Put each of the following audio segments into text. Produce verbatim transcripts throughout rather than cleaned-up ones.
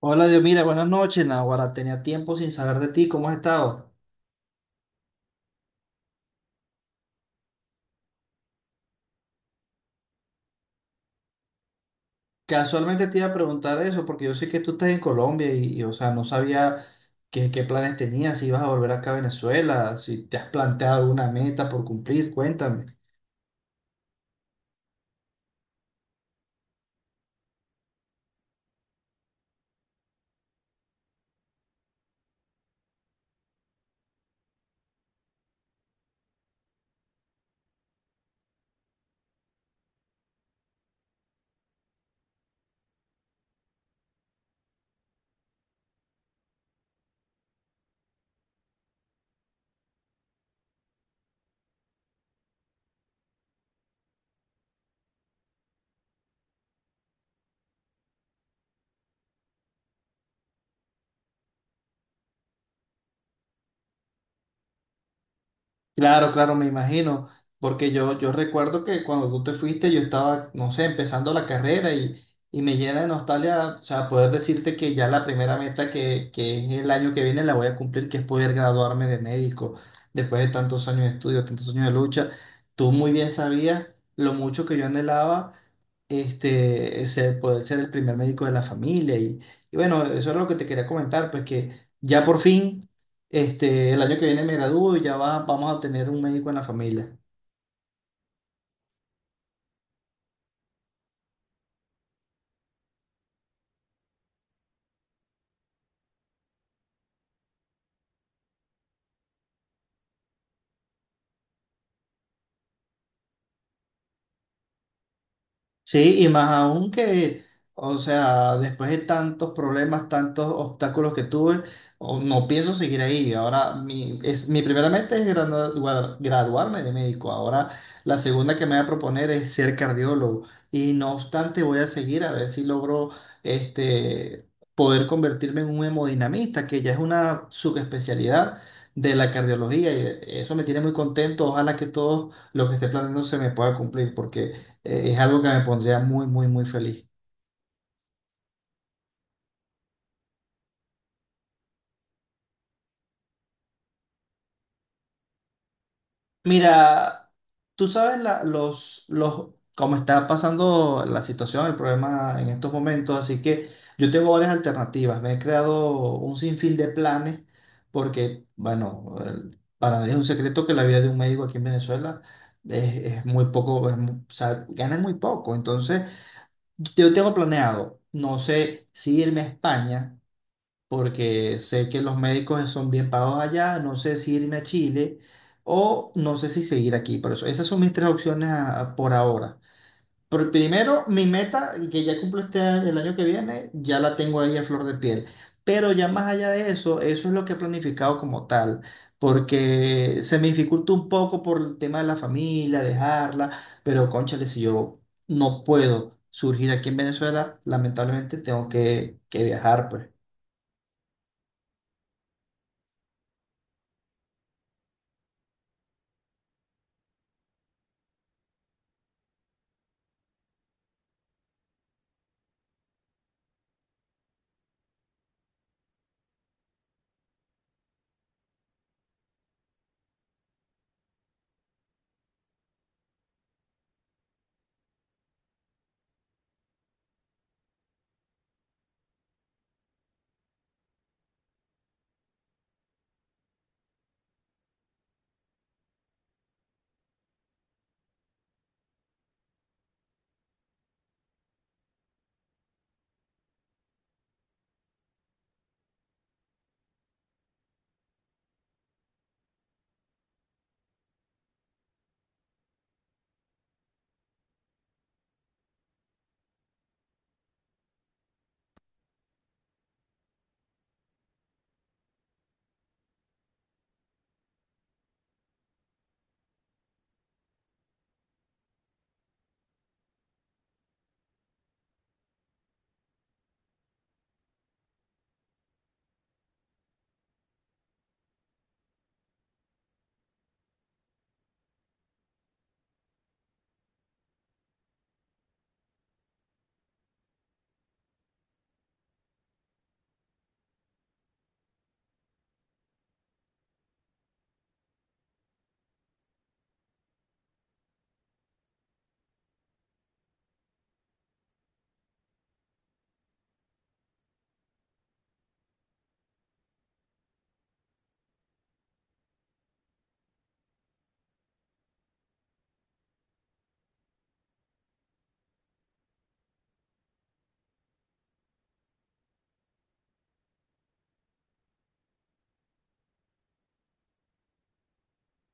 Hola, Dios, mira, buenas noches, Nahuara. Tenía tiempo sin saber de ti, ¿cómo has estado? Casualmente te iba a preguntar eso, porque yo sé que tú estás en Colombia y, y, o sea, no sabía qué, qué planes tenías, si ibas a volver acá a Venezuela, si te has planteado alguna meta por cumplir, cuéntame. Claro, claro, me imagino, porque yo, yo recuerdo que cuando tú te fuiste yo estaba, no sé, empezando la carrera y, y me llena de nostalgia, o sea, poder decirte que ya la primera meta que, que es el año que viene la voy a cumplir, que es poder graduarme de médico después de tantos años de estudio, tantos años de lucha. Tú muy bien sabías lo mucho que yo anhelaba este, ser- poder ser el primer médico de la familia. Y, y bueno, eso es lo que te quería comentar, pues que ya por fin este, el año que viene me gradúo y ya va- vamos a tener un médico en la familia. Sí, y más aún que, o sea, después de tantos problemas, tantos obstáculos que tuve, o- no pienso seguir ahí. Ahora, mi, es, mi primera meta es granua- gua- graduarme de médico. Ahora, la segunda que me voy a proponer es ser cardiólogo. Y no obstante, voy a seguir a ver si logro este, poder convertirme en un hemodinamista, que ya es una subespecialidad de la cardiología. Y eso me tiene muy contento. Ojalá que todo lo que esté planeando se me pueda cumplir, porque… Eh, es algo que me pondría muy, muy, muy feliz. Mira, tú sabes la- los, los, cómo está pasando la situación, el problema en estos momentos, así que yo tengo varias alternativas. Me he creado un sinfín de planes porque, bueno, el- para nadie es un secreto que la vida de un médico aquí en Venezuela es, es muy poco, es mu- o sea, gana muy poco. Entonces, yo tengo planeado, no sé si irme a España. Porque sé que los médicos son bien pagos allá, no sé si irme a Chile o no sé si seguir aquí. Por eso, esas son mis tres opciones a- a- por ahora. Pero primero, mi meta, que ya cumplo este año- el año que viene, ya la tengo ahí a flor de piel. Pero ya más allá de eso, eso es lo que he planificado como tal, porque se me dificulta un poco por el tema de la familia, dejarla, pero cónchale, si yo no puedo surgir aquí en Venezuela, lamentablemente tengo que, que viajar, pues.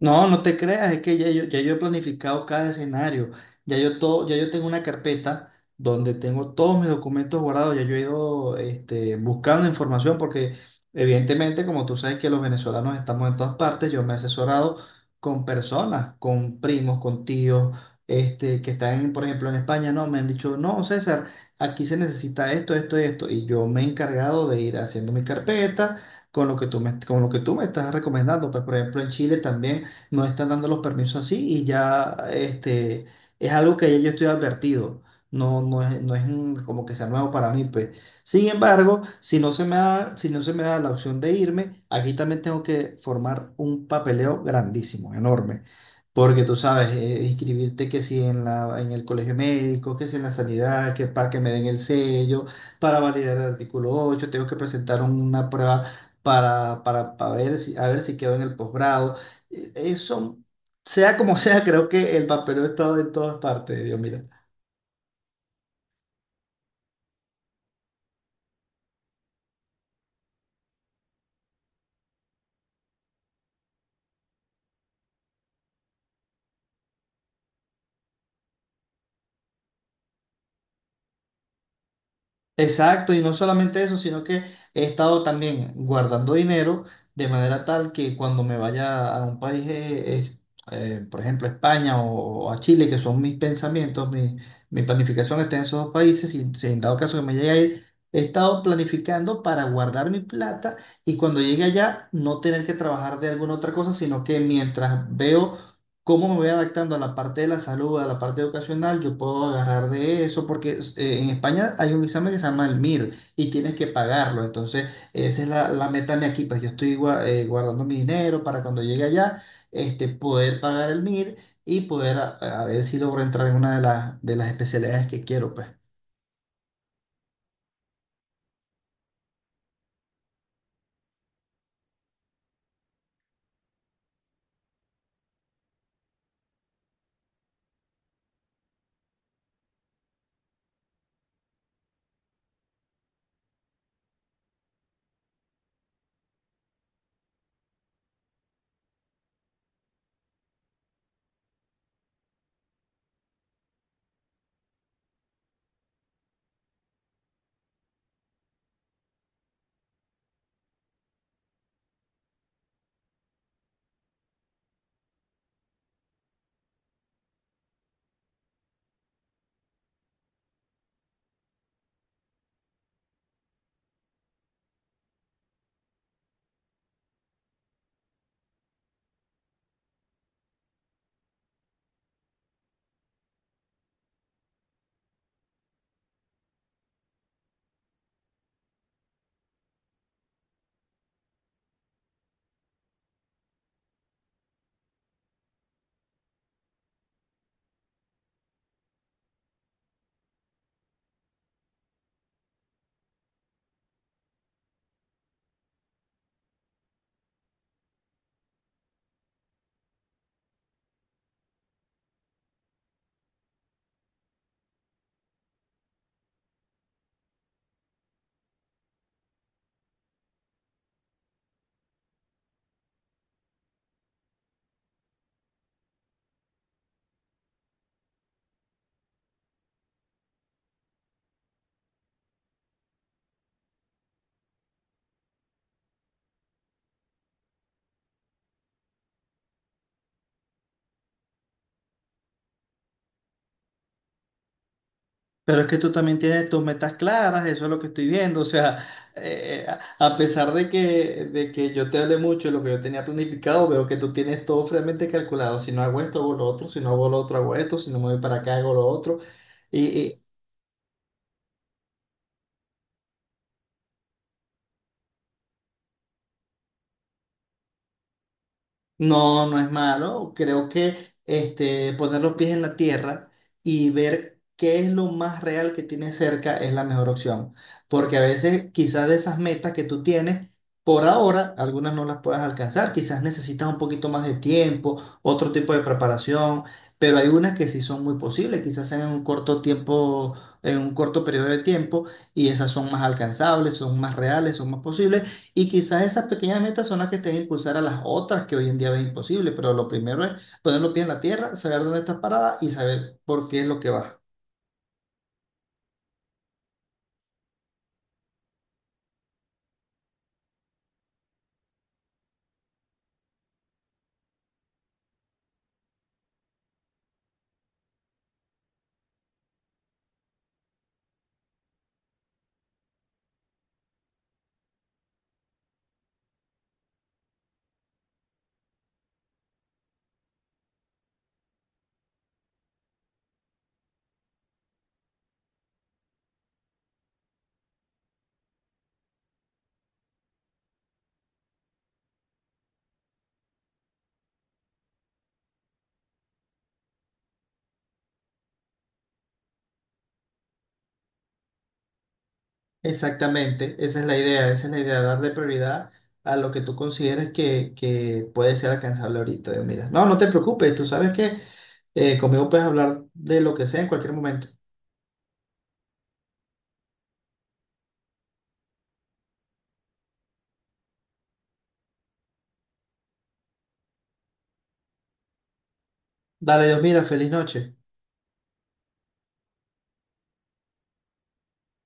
No, no te creas, es que ya yo, ya yo he planificado cada escenario, ya yo, todo, ya yo tengo una carpeta donde tengo todos mis documentos guardados, ya yo he ido este, buscando información porque evidentemente, como tú sabes que los venezolanos estamos en todas partes, yo me he asesorado con personas, con primos, con tíos, este, que están, por ejemplo, en España, no, me han dicho, no, César, aquí se necesita esto, esto y esto, y yo me he encargado de ir haciendo mi carpeta. Con lo que tú me, con lo que tú me estás recomendando, pues por ejemplo en Chile también no están dando los permisos así y ya este, es algo que ya yo estoy advertido. No, no es, no es un- como que sea nuevo para mí, pues. Sin embargo, si no se me da, si no se me da la opción de irme, aquí también tengo que formar un papeleo grandísimo, enorme. Porque tú sabes, eh, inscribirte que si en la, en el colegio médico, que si en la sanidad, que para que me den el sello, para validar el artículo ocho tengo que presentar una prueba para, para, para ver si, a ver si quedo en el posgrado. Eso, sea como sea, creo que el papel estaba en todas partes, Dios mío. Exacto, y no solamente eso, sino que he estado también guardando dinero de manera tal que cuando me vaya a un país, eh, es- eh, por ejemplo, España o, o a Chile, que son mis pensamientos, mi, mi planificación está en esos dos países, y si en dado caso que me llegue a ir, he estado planificando para guardar mi plata y cuando llegue allá no tener que trabajar de alguna otra cosa, sino que mientras veo cómo me voy adaptando a la parte de la salud, a la parte educacional, yo puedo agarrar de eso, porque es- eh, en España hay un examen que se llama el MIR y tienes que pagarlo. Entonces, esa es la, la meta de aquí, pues yo estoy gua- eh, guardando mi dinero para cuando llegue allá, este, poder pagar el MIR y poder a, a ver si logro entrar en una de las, de las especialidades que quiero, pues. Pero es que tú también tienes tus metas claras, eso es lo que estoy viendo. O sea, eh, eh, a a pesar de que, de que yo te hablé mucho de lo que yo tenía planificado, veo que tú tienes todo fríamente calculado. Si no hago esto, hago lo otro. Si no hago lo otro, hago esto. Si no me voy para acá, hago lo otro. Y, no, no es malo. Creo que este, poner los pies en la tierra y ver qué es lo más real que tienes cerca es la mejor opción. Porque a veces quizás de esas metas que tú tienes, por ahora algunas no las puedas alcanzar. Quizás necesitas un poquito más de tiempo, otro tipo de preparación, pero hay unas que sí son muy posibles, quizás en un corto tiempo, en un corto periodo de tiempo, y esas son más alcanzables, son más reales, son más posibles. Y quizás esas pequeñas metas son las que te a impulsar a las otras que hoy en día ves imposible, pero lo primero es poner los pies en la tierra, saber dónde estás parada y saber por qué es lo que vas. Exactamente, esa es la idea, esa es la idea, darle prioridad a lo que tú consideres que, que puede ser alcanzable ahorita. Digo, mira, no, no te preocupes, tú sabes que eh, conmigo puedes hablar de lo que sea en cualquier momento. Dale, Dios, mira, feliz noche.